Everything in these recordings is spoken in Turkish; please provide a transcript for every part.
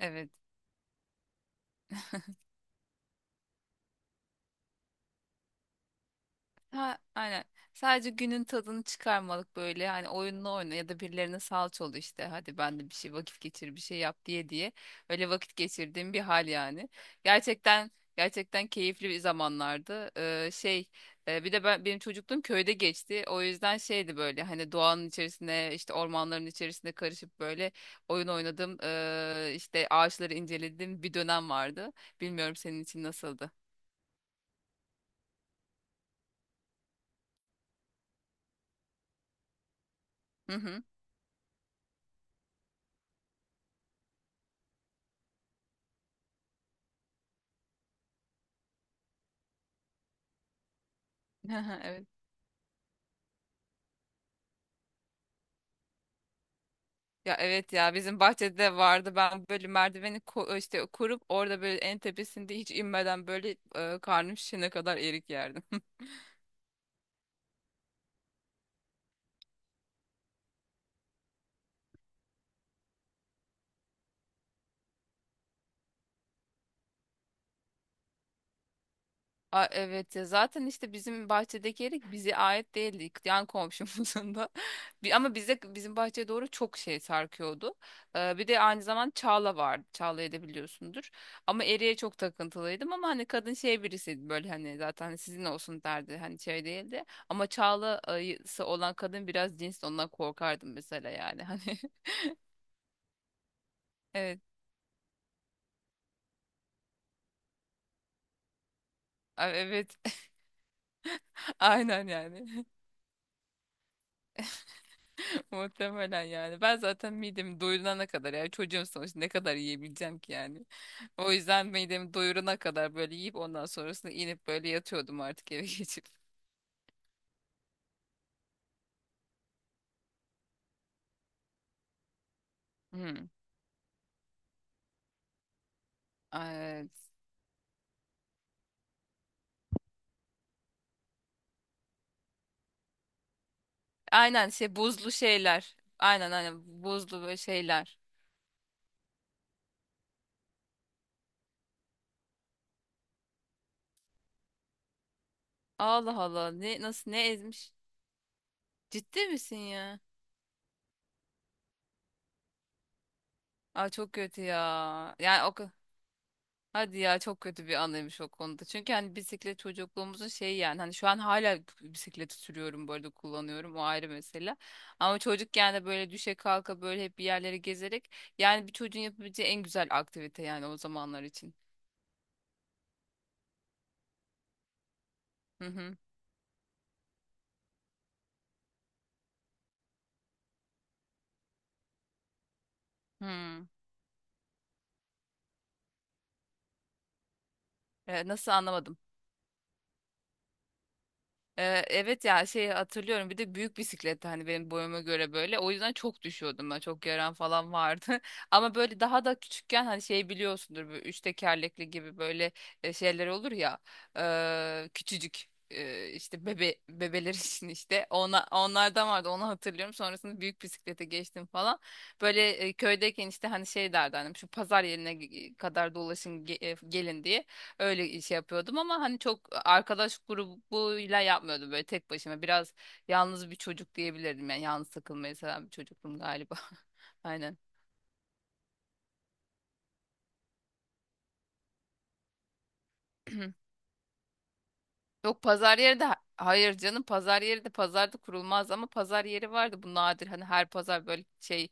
Evet. Ha, aynen. Sadece günün tadını çıkarmalık böyle. Hani oyunla oyna ya da birilerine salça ol işte. Hadi ben de bir şey vakit geçir, bir şey yap diye diye. Öyle vakit geçirdiğim bir hal yani. Gerçekten gerçekten keyifli bir zamanlardı. Şey, bir de ben çocukluğum köyde geçti. O yüzden şeydi böyle hani doğanın içerisine işte ormanların içerisine karışıp böyle oyun oynadım. İşte ağaçları inceledim, bir dönem vardı. Bilmiyorum senin için nasıldı? Hı hı. Evet. Ya evet, ya bizim bahçede vardı. Ben böyle merdiveni işte kurup orada böyle en tepesinde hiç inmeden böyle, karnım şişene kadar erik yerdim. A, evet ya, zaten işte bizim bahçedeki erik bize ait değildi. Yan komşumuzun da. Ama bize, bizim bahçeye doğru çok şey sarkıyordu. Bir de aynı zaman çağla vardı. Çağla'yı da biliyorsundur. Ama eriğe çok takıntılıydım, ama hani kadın şey birisiydi böyle, hani zaten hani, sizin olsun derdi. Hani şey değildi. Ama çağlası olan kadın biraz cins, ondan korkardım mesela yani. Hani evet. Evet. Aynen yani. Muhtemelen yani. Ben zaten midemi doyurana kadar yani, çocuğum sonuçta, ne kadar yiyebileceğim ki yani. O yüzden midemi doyurana kadar böyle yiyip, ondan sonrasında inip böyle yatıyordum artık, eve geçip. Hmm. Evet. Aynen, şey, buzlu şeyler. Aynen, aynen, buzlu böyle şeyler. Allah Allah, ne, nasıl, ne ezmiş? Ciddi misin ya? Aa, çok kötü ya. Yani o, hadi ya, çok kötü bir anıymış o konuda. Çünkü hani bisiklet çocukluğumuzun şeyi yani, hani şu an hala bisikleti sürüyorum bu arada, kullanıyorum, o ayrı mesele. Ama çocukken de böyle düşe kalka böyle hep bir yerlere gezerek, yani bir çocuğun yapabileceği en güzel aktivite yani o zamanlar için. Hı hı. Hmm. Nasıl, anlamadım. Evet ya, şey hatırlıyorum. Bir de büyük bisikletti, hani benim boyuma göre, böyle o yüzden çok düşüyordum, ben çok yaran falan vardı. Ama böyle daha da küçükken hani şey biliyorsundur, böyle üç tekerlekli gibi, böyle şeyler olur ya, küçücük, işte bebeler için işte, ona onlardan vardı, onu hatırlıyorum. Sonrasında büyük bisiklete geçtim falan. Böyle köydeyken işte hani şey derdi annem, şu pazar yerine kadar dolaşın gelin diye. Öyle iş yapıyordum, ama hani çok arkadaş grubuyla yapmıyordum, böyle tek başıma. Biraz yalnız bir çocuk diyebilirdim yani, yalnız takılmayı seven bir çocuktum galiba. Aynen. Yok pazar yeri de hayır canım, pazar yeri de pazarda kurulmaz, ama pazar yeri vardı. Bu nadir, hani her pazar böyle şey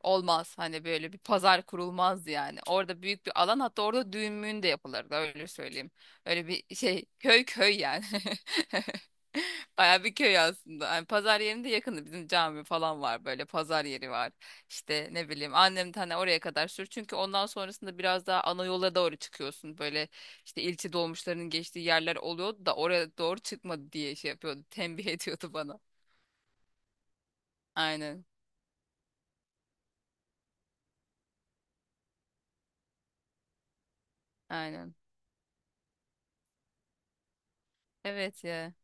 olmaz, hani böyle bir pazar kurulmaz yani, orada büyük bir alan, hatta orada düğün müğün de yapılırdı, öyle söyleyeyim. Öyle bir şey, köy köy yani. Baya bir köy aslında. Hani pazar yerinde, yakında bizim cami falan var, böyle pazar yeri var. İşte ne bileyim, annem de hani oraya kadar sür, çünkü ondan sonrasında biraz daha ana yola doğru çıkıyorsun böyle, işte ilçe dolmuşlarının geçtiği yerler oluyordu da, oraya doğru çıkmadı diye şey yapıyordu. Tembih ediyordu bana. Aynen. Aynen. Evet ya.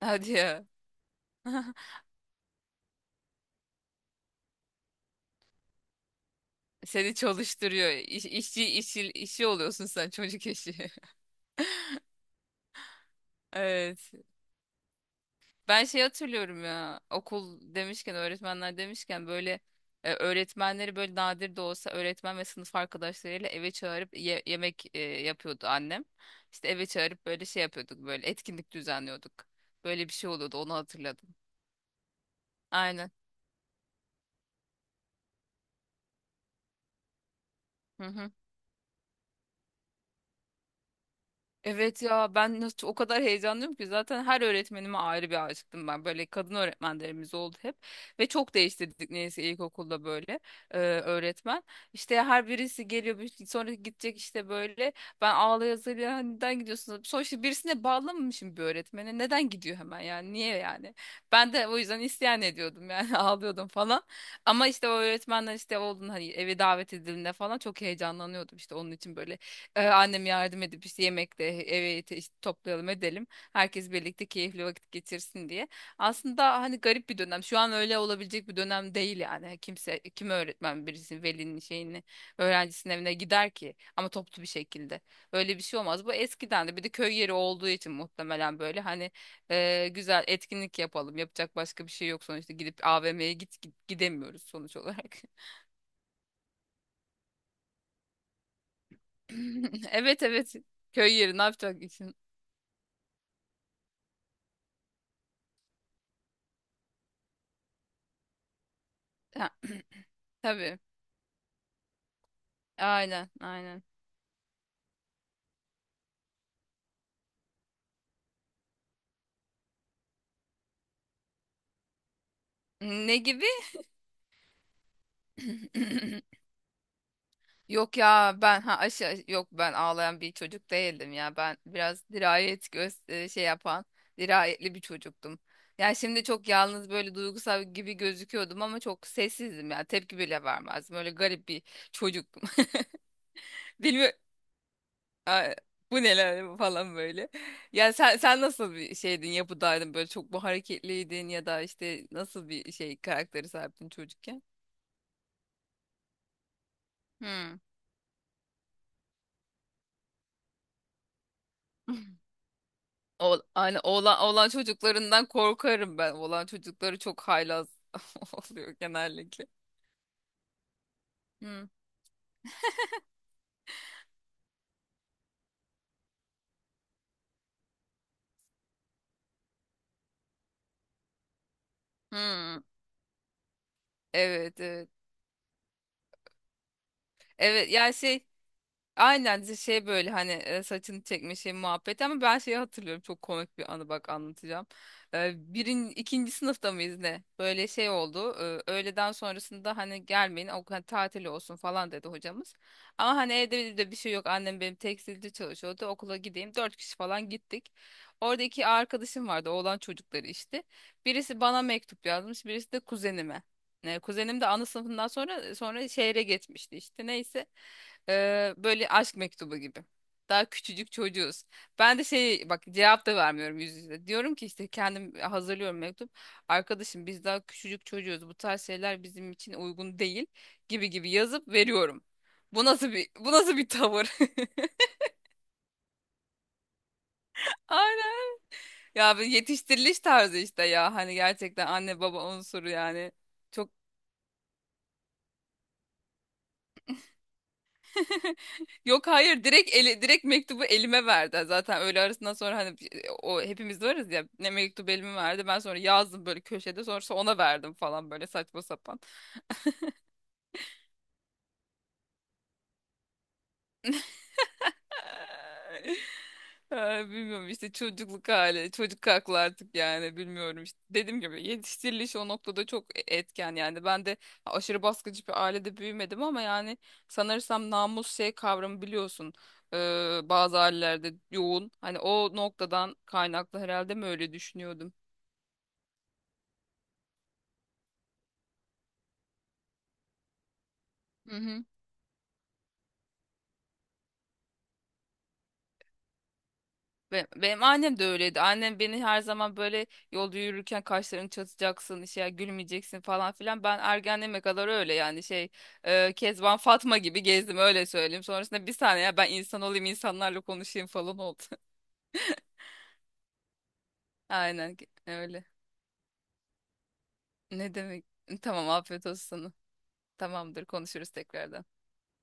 Hadi ya. Seni çalıştırıyor. İş, işçi, işi, işçi oluyorsun sen, çocuk işi. Evet. Ben şey hatırlıyorum ya, okul demişken, öğretmenler demişken, böyle öğretmenleri böyle nadir de olsa, öğretmen ve sınıf arkadaşlarıyla eve çağırıp yemek yapıyordu annem. İşte eve çağırıp böyle şey yapıyorduk, böyle etkinlik düzenliyorduk. Böyle bir şey oluyordu, onu hatırladım. Aynen. Hı hı. Evet ya, ben nasıl o kadar heyecanlıyım ki, zaten her öğretmenime ayrı bir aşıktım ben. Böyle kadın öğretmenlerimiz oldu hep, ve çok değiştirdik neyse ilkokulda, böyle öğretmen. İşte her birisi geliyor, şey, sonra gidecek işte böyle, ben ağlaya zırlaya, hani neden gidiyorsunuz? Sonuçta birisine bağlanmamışım bir öğretmene, neden gidiyor hemen yani, niye yani? Ben de o yüzden isyan ediyordum yani, ağlıyordum falan. Ama işte o öğretmenler işte oldun, hani eve davet edildiğinde falan çok heyecanlanıyordum, işte onun için böyle annem yardım edip işte yemekle evi işte toplayalım edelim. Herkes birlikte keyifli vakit geçirsin diye. Aslında hani garip bir dönem. Şu an öyle olabilecek bir dönem değil yani. Hani kim öğretmen birisinin, velinin şeyini, öğrencisinin evine gider ki, ama toplu bir şekilde. Öyle bir şey olmaz. Bu eskiden, de bir de köy yeri olduğu için muhtemelen, böyle hani güzel etkinlik yapalım. Yapacak başka bir şey yok sonuçta, gidip AVM'ye git, git gidemiyoruz sonuç olarak. Evet evet. Köy yeri ne yapacak? Ha, tabii. Aynen, aynen. Ne gibi? Yok ya, ben aşı, yok, ben ağlayan bir çocuk değildim ya. Ben biraz dirayet göz, şey yapan, dirayetli bir çocuktum. Yani şimdi çok yalnız böyle duygusal gibi gözüküyordum, ama çok sessizdim ya. Tepki bile vermezdim. Öyle garip bir çocuktum. Bilmiyorum. Ay, bu neler falan böyle. Yani sen nasıl bir şeydin, yapıdaydın, böyle çok mu hareketliydin, ya da işte nasıl bir şey karakteri sahiptin çocukken? Hmm. O, aynı oğlan çocuklarından korkarım ben. Oğlan çocukları çok haylaz oluyor genellikle. Hmm. Hmm. Evet, evet. Evet, yani şey, aynen, şey, böyle hani saçını çekme şey muhabbeti, ama ben şeyi hatırlıyorum, çok komik bir anı, bak anlatacağım. İkinci sınıfta mıyız ne? Böyle şey oldu. Öğleden sonrasında hani gelmeyin, o hani tatil olsun falan dedi hocamız. Ama hani evde de bir şey yok, annem benim tekstilde çalışıyordu, okula gideyim, dört kişi falan gittik. Orada iki arkadaşım vardı, oğlan çocukları işte. Birisi bana mektup yazmış, birisi de kuzenime. Kuzenim de ana sınıfından sonra şehre gitmişti. İşte neyse. Böyle aşk mektubu gibi. Daha küçücük çocuğuz. Ben de şey, bak cevap da vermiyorum yüz yüze. Diyorum ki işte, kendim hazırlıyorum mektup. Arkadaşım, biz daha küçücük çocuğuz. Bu tarz şeyler bizim için uygun değil, gibi gibi yazıp veriyorum. Bu nasıl bir tavır? Aynen. Ya bir yetiştiriliş tarzı işte ya. Hani gerçekten anne baba unsuru yani. Çok. Yok, hayır, direkt mektubu elime verdi. Zaten öğle arasından sonra, hani o hepimiz de varız ya, ne mektubu elime verdi. Ben sonra yazdım böyle köşede, sonrası ona verdim falan, böyle saçma sapan. Ay, bilmiyorum işte, çocukluk hali, çocuk aklı artık yani, bilmiyorum işte. Dediğim gibi yetiştiriliş o noktada çok etken yani. Ben de aşırı baskıcı bir ailede büyümedim, ama yani sanırsam namus şey kavramı biliyorsun. Bazı ailelerde yoğun. Hani o noktadan kaynaklı herhalde mi öyle düşünüyordum? Hı hı. Benim annem de öyleydi. Annem beni her zaman böyle, yolda yürürken kaşlarını çatacaksın, işte gülmeyeceksin falan filan. Ben ergenliğime kadar öyle yani, şey, Kezban Fatma gibi gezdim, öyle söyleyeyim. Sonrasında, bir saniye ya, ben insan olayım, insanlarla konuşayım falan oldu. Aynen öyle. Ne demek? Tamam, afiyet olsun sana. Tamamdır, konuşuruz tekrardan.